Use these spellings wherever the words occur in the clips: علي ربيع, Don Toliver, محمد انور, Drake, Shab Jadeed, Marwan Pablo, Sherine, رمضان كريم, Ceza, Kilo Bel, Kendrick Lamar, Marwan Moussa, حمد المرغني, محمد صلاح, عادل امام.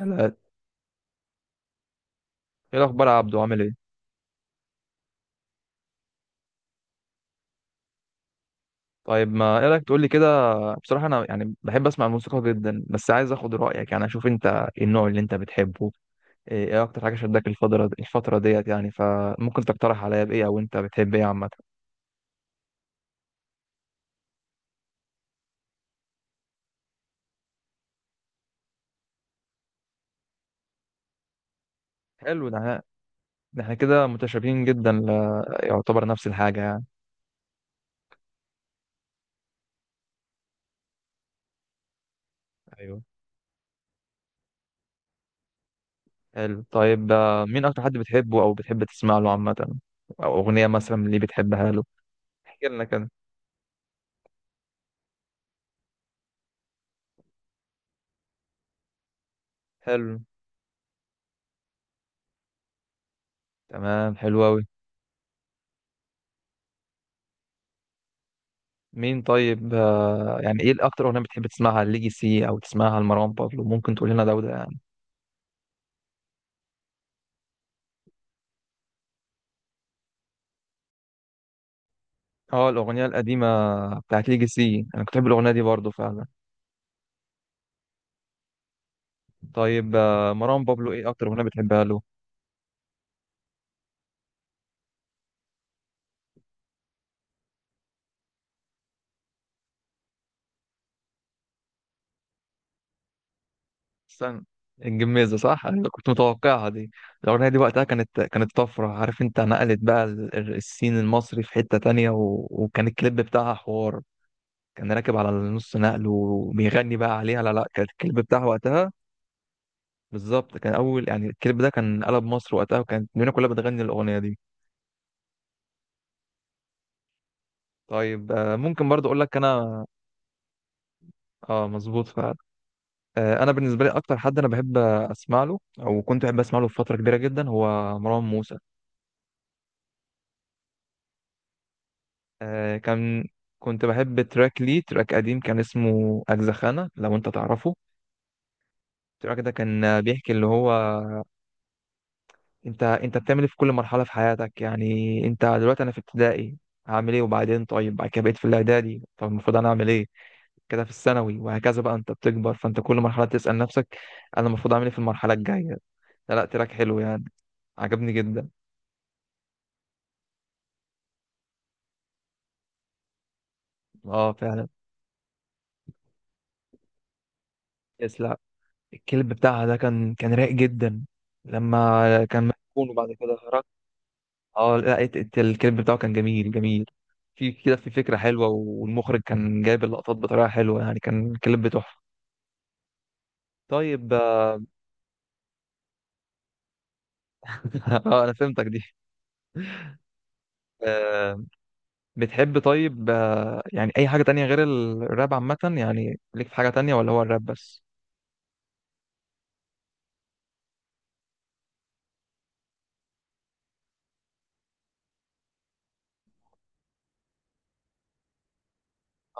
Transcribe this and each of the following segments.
لا. ايه الاخبار يا عبدو؟ عامل ايه؟ طيب ما ايه رايك تقول لي كده. بصراحه انا يعني بحب اسمع الموسيقى جدا، بس عايز اخد رايك يعني اشوف انت إيه النوع اللي انت بتحبه. ايه إيه اكتر حاجه شدك الفتره ديت؟ يعني فممكن تقترح عليا بايه، او انت بتحب ايه عامه؟ حلو. ده إحنا كده متشابهين جدا ل... يعتبر نفس الحاجه يعني. ايوه. حلو. طيب مين اكتر حد بتحبه او بتحب تسمع له عامه، او اغنيه مثلا اللي بتحبها له؟ احكي لنا كده. حلو. تمام، حلو قوي. مين طيب يعني ايه الاكتر اغنيه بتحب تسمعها ليجاسي، او تسمعها لمروان بابلو؟ ممكن تقول لنا ده وده يعني. اه، الاغنيه القديمه بتاعت ليجاسي انا كنت بحب الاغنيه دي برضو فعلا. طيب مروان بابلو ايه اكتر اغنيه بتحبها له؟ استنى، الجميزه صح، انا كنت متوقعها دي. الاغنيه دي وقتها كانت طفره، عارف انت نقلت بقى السين المصري في حته تانية و... وكان الكليب بتاعها حوار. كان راكب على النص نقل وبيغني بقى عليها. لا لا، كان الكليب بتاعها وقتها بالظبط كان اول، يعني الكليب ده كان قلب مصر وقتها، وكانت الدنيا كلها بتغني الاغنيه دي. طيب ممكن برضو اقول لك انا. اه مظبوط فعلا. انا بالنسبه لي اكتر حد انا بحب اسمع له، او كنت بحب اسمع له في فتره كبيره جدا، هو مروان موسى. آه، كان كنت بحب تراك ليه، تراك قديم كان اسمه اجزخانه لو انت تعرفه. التراك ده كان بيحكي اللي هو انت بتعمل ايه في كل مرحله في حياتك، يعني انت دلوقتي انا في ابتدائي هعمل ايه، وبعدين طيب بعد كده بقيت في الاعدادي طب المفروض انا اعمل ايه، كده في الثانوي وهكذا بقى انت بتكبر، فانت كل مرحله تسال نفسك انا المفروض اعمل ايه في المرحله الجايه. لا لا تراك حلو يعني، عجبني جدا. اه فعلا. يس لا. الكلب بتاعها ده كان رايق جدا، لما كان مدفون وبعد كده خرج. اه لا، الكليب بتاعه كان جميل جميل، في كده في فكرة حلوة، والمخرج كان جايب اللقطات بطريقة حلوة، يعني كان الكليب تحفة. طيب اه. انا فهمتك دي. آه بتحب طيب آه، يعني اي حاجة تانية غير الراب عامة، يعني ليك في حاجة تانية ولا هو الراب بس؟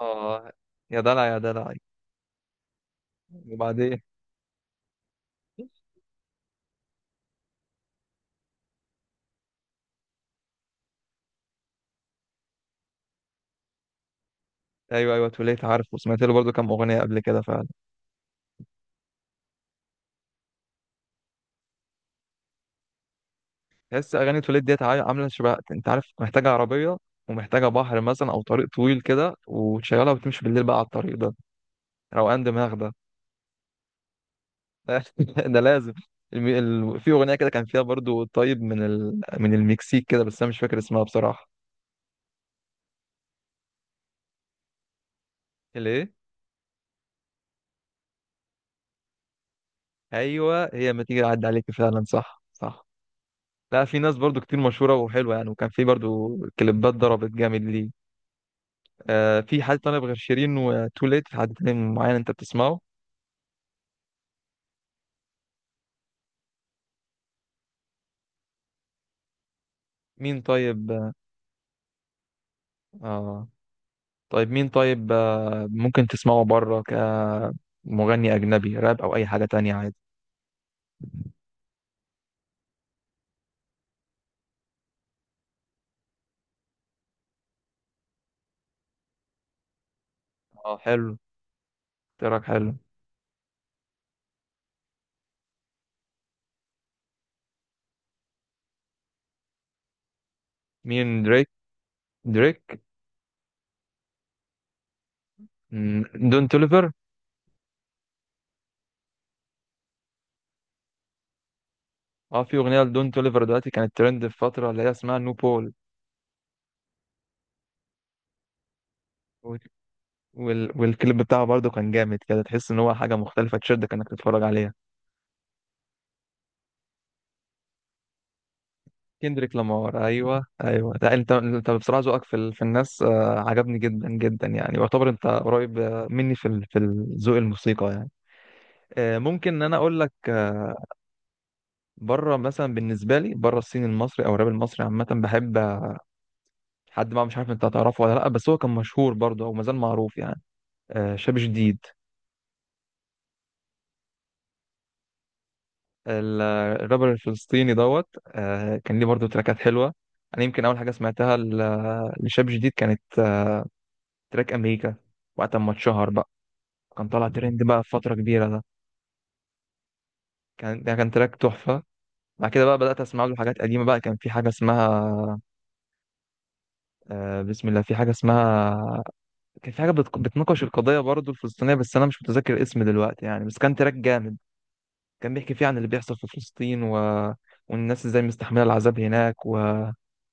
اه، يا دلع يا دلع. وبعدين. ايوه ايوه، توليت عارف وسمعت له برضه كام اغنية قبل كده. تحس اغاني توليد ديت عامله شبه، انت عارف، محتاجه عربيه ومحتاجه بحر مثلا، او طريق طويل كده، وتشغلها وتمشي بالليل بقى على الطريق ده، روقان دماغ ده. ده لازم. الم... في اغنيه كده كان فيها برضو طيب من ال... من المكسيك كده، بس انا مش فاكر اسمها بصراحه. ليه. ايوه، هي ما تيجي اعدي عليك فعلا، صح صح. لا، في ناس برضو كتير مشهوره وحلوه يعني، وكان في برضو كليبات ضربت جامد ليه. آه في حد طالب غير شيرين وتوليت، في حد تاني معين انت بتسمعه؟ مين طيب. اه. طيب مين طيب ممكن تسمعه بره كمغني أجنبي، راب أو أي حاجة تانية عادي؟ اه حلو، تراك حلو. مين، دريك؟ دريك. دون توليفر. اه، في أغنية لدون توليفر دلوقتي كانت ترند في فترة اللي هي اسمها نو بول. والكليب بتاعه برضه كان جامد كده، تحس إن هو حاجة مختلفة تشدك إنك تتفرج عليها. كندريك لامار، أيوه أيوه. لا، أنت بصراحة ذوقك في ال... في الناس عجبني جدا جدا، يعني يعتبر أنت قريب مني في ال... في الذوق الموسيقى يعني. ممكن انا اقول لك بره مثلا. بالنسبه لي بره الصين المصري او الراب المصري عامه بحب حد بقى، مش عارف انت هتعرفه ولا لا، بس هو كان مشهور برضه او مازال معروف يعني. شاب جديد، ال- الرابر الفلسطيني دوت. كان ليه برضه تراكات حلوه. انا يمكن اول حاجه سمعتها لشاب جديد كانت تراك امريكا، وقت ما اتشهر بقى كان طالع ترند بقى في فتره كبيره ده، كان ده كان تراك تحفه. بعد كده بقى بدات اسمع له حاجات قديمه بقى، كان في حاجه اسمها بسم الله، في حاجه اسمها كان في حاجة بتناقش القضية برضه الفلسطينية، بس أنا مش متذكر الاسم دلوقتي يعني، بس كان تراك جامد، كان بيحكي فيه عن اللي بيحصل في فلسطين و... والناس ازاي مستحملة العذاب هناك و...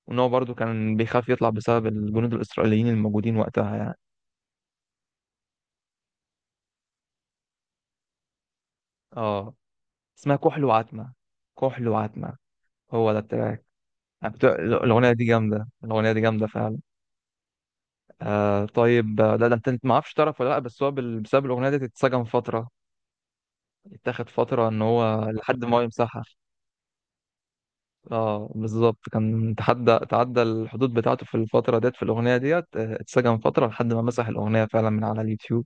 وإن هو برضه كان بيخاف يطلع بسبب الجنود الإسرائيليين الموجودين وقتها يعني. اه اسمها كحل وعتمة، كحل وعتمة، هو ده التراك. أنا كنت- الأغنية دي جامدة، الأغنية دي جامدة فعلا. آه طيب لا ده أنت ما اعرفش تعرف ولا لأ، بس هو بسبب الأغنية دي اتسجن فترة، اتاخد فترة إن هو لحد ما هو يمسحها. اه بالظبط، كان تحدى تعدى الحدود بتاعته في الفترة ديت في الأغنية ديت، اتسجن فترة لحد ما مسح الأغنية فعلا من على اليوتيوب.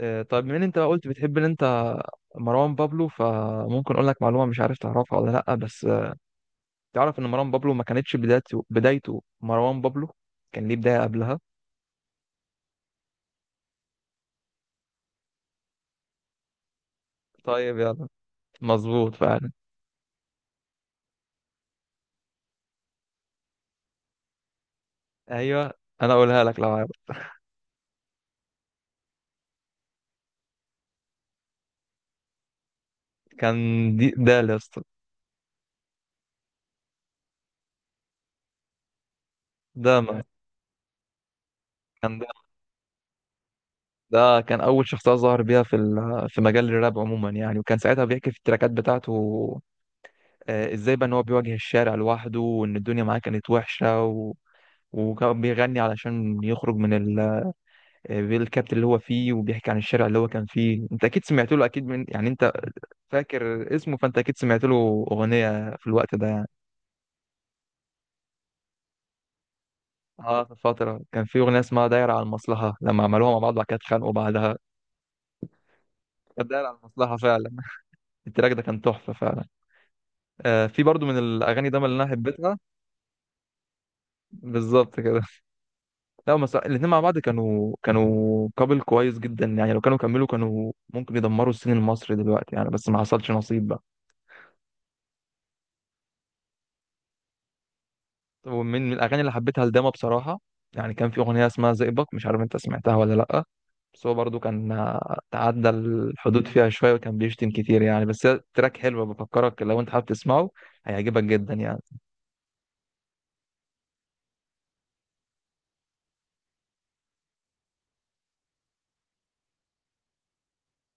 طيب من انت قلت بتحب انت مروان بابلو، فممكن اقول لك معلومة مش عارف تعرفها ولا لأ بس تعرف ان مروان بابلو ما كانتش بدايته مروان بابلو، كان ليه بداية قبلها. طيب يلا. مظبوط فعلا. ايوه انا اقولها لك لو عارف. كان دي ده يا اسطى. ده ما كان ده كان أول شخصية ظهر بيها في ال- في مجال الراب عموما يعني، وكان ساعتها بيحكي في التراكات بتاعته إزاي بقى إن هو بيواجه الشارع لوحده، وإن الدنيا معاه كانت وحشة و... وكان بيغني علشان يخرج من ال... الكابت اللي هو فيه، وبيحكي عن الشارع اللي هو كان فيه. أنت أكيد سمعت له، أكيد من يعني أنت فاكر اسمه، فأنت أكيد سمعت له أغنية في الوقت ده يعني. اه، في فترة كان في أغنية اسمها دايرة على المصلحة لما عملوها مع بعض، وبعد كده اتخانقوا بعدها. كانت دايرة على المصلحة فعلا، التراك ده كان تحفة فعلا. في برضو من الاغاني دايما اللي انا حبيتها. بالظبط كده. لا هم الاثنين مع بعض كانوا كابل كويس جدا يعني، لو كانوا كملوا كانوا ممكن يدمروا السين المصري دلوقتي يعني، بس ما حصلش نصيب بقى. طب ومن الاغاني اللي حبيتها لداما بصراحه، يعني كان في اغنيه اسمها زئبق مش عارف انت سمعتها ولا لا، بس هو برضو كان تعدى الحدود فيها شويه، وكان بيشتم كتير يعني، بس هي تراك حلو بفكرك لو انت حابب تسمعه، هيعجبك جدا يعني.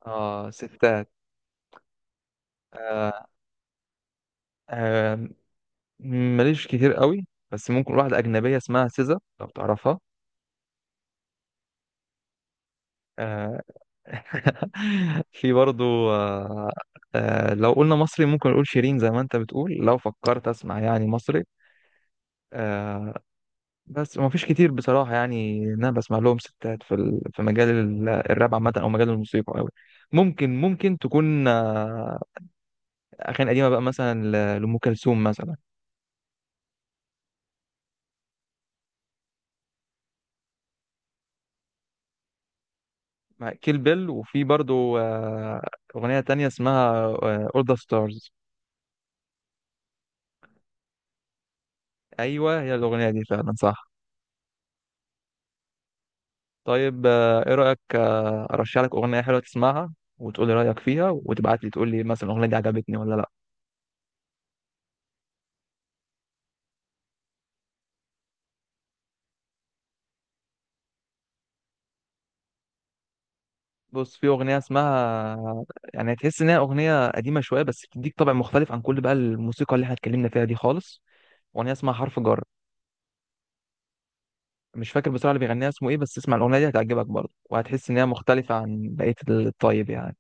اه ستات. آه. آه. ماليش كتير قوي، بس ممكن واحدة أجنبية اسمها سيزا لو تعرفها. آه، في برضو لو قلنا مصري ممكن نقول شيرين، زي ما انت بتقول لو فكرت اسمع يعني مصري. آه، بس ما فيش كتير بصراحة، يعني إن انا بسمع لهم ستات في ال- في مجال ال- الراب عامة او مجال الموسيقى قوي. ممكن تكون اغاني قديمة بقى مثلا لأم كلثوم مثلا. مع كيل بيل، وفي برضو أغنية تانية اسمها أول ذا ستارز. ايوه هي الاغنيه دي فعلا صح. طيب ايه رايك ارشح لك اغنيه حلوه تسمعها وتقول لي رايك فيها، وتبعت لي تقول لي مثلا الاغنيه دي عجبتني ولا لا. بص في اغنيه اسمها، يعني تحس ان هي اغنيه قديمه شويه، بس بتديك طابع مختلف عن كل بقى الموسيقى اللي احنا اتكلمنا فيها دي خالص. اغنيه اسمها حرف جر، مش فاكر بصراحه اللي بيغنيها اسمه ايه، بس اسمع الاغنيه دي هتعجبك برضه، وهتحس ان هي مختلفه عن بقيه الطيب يعني.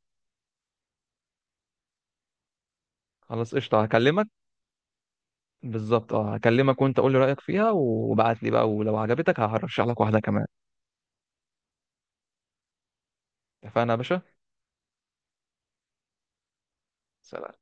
خلاص قشطه، هكلمك. بالظبط، اه هكلمك وانت قول لي رايك فيها وبعت لي بقى، ولو عجبتك هرشح لك واحده كمان. اتفقنا يا باشا. سلام.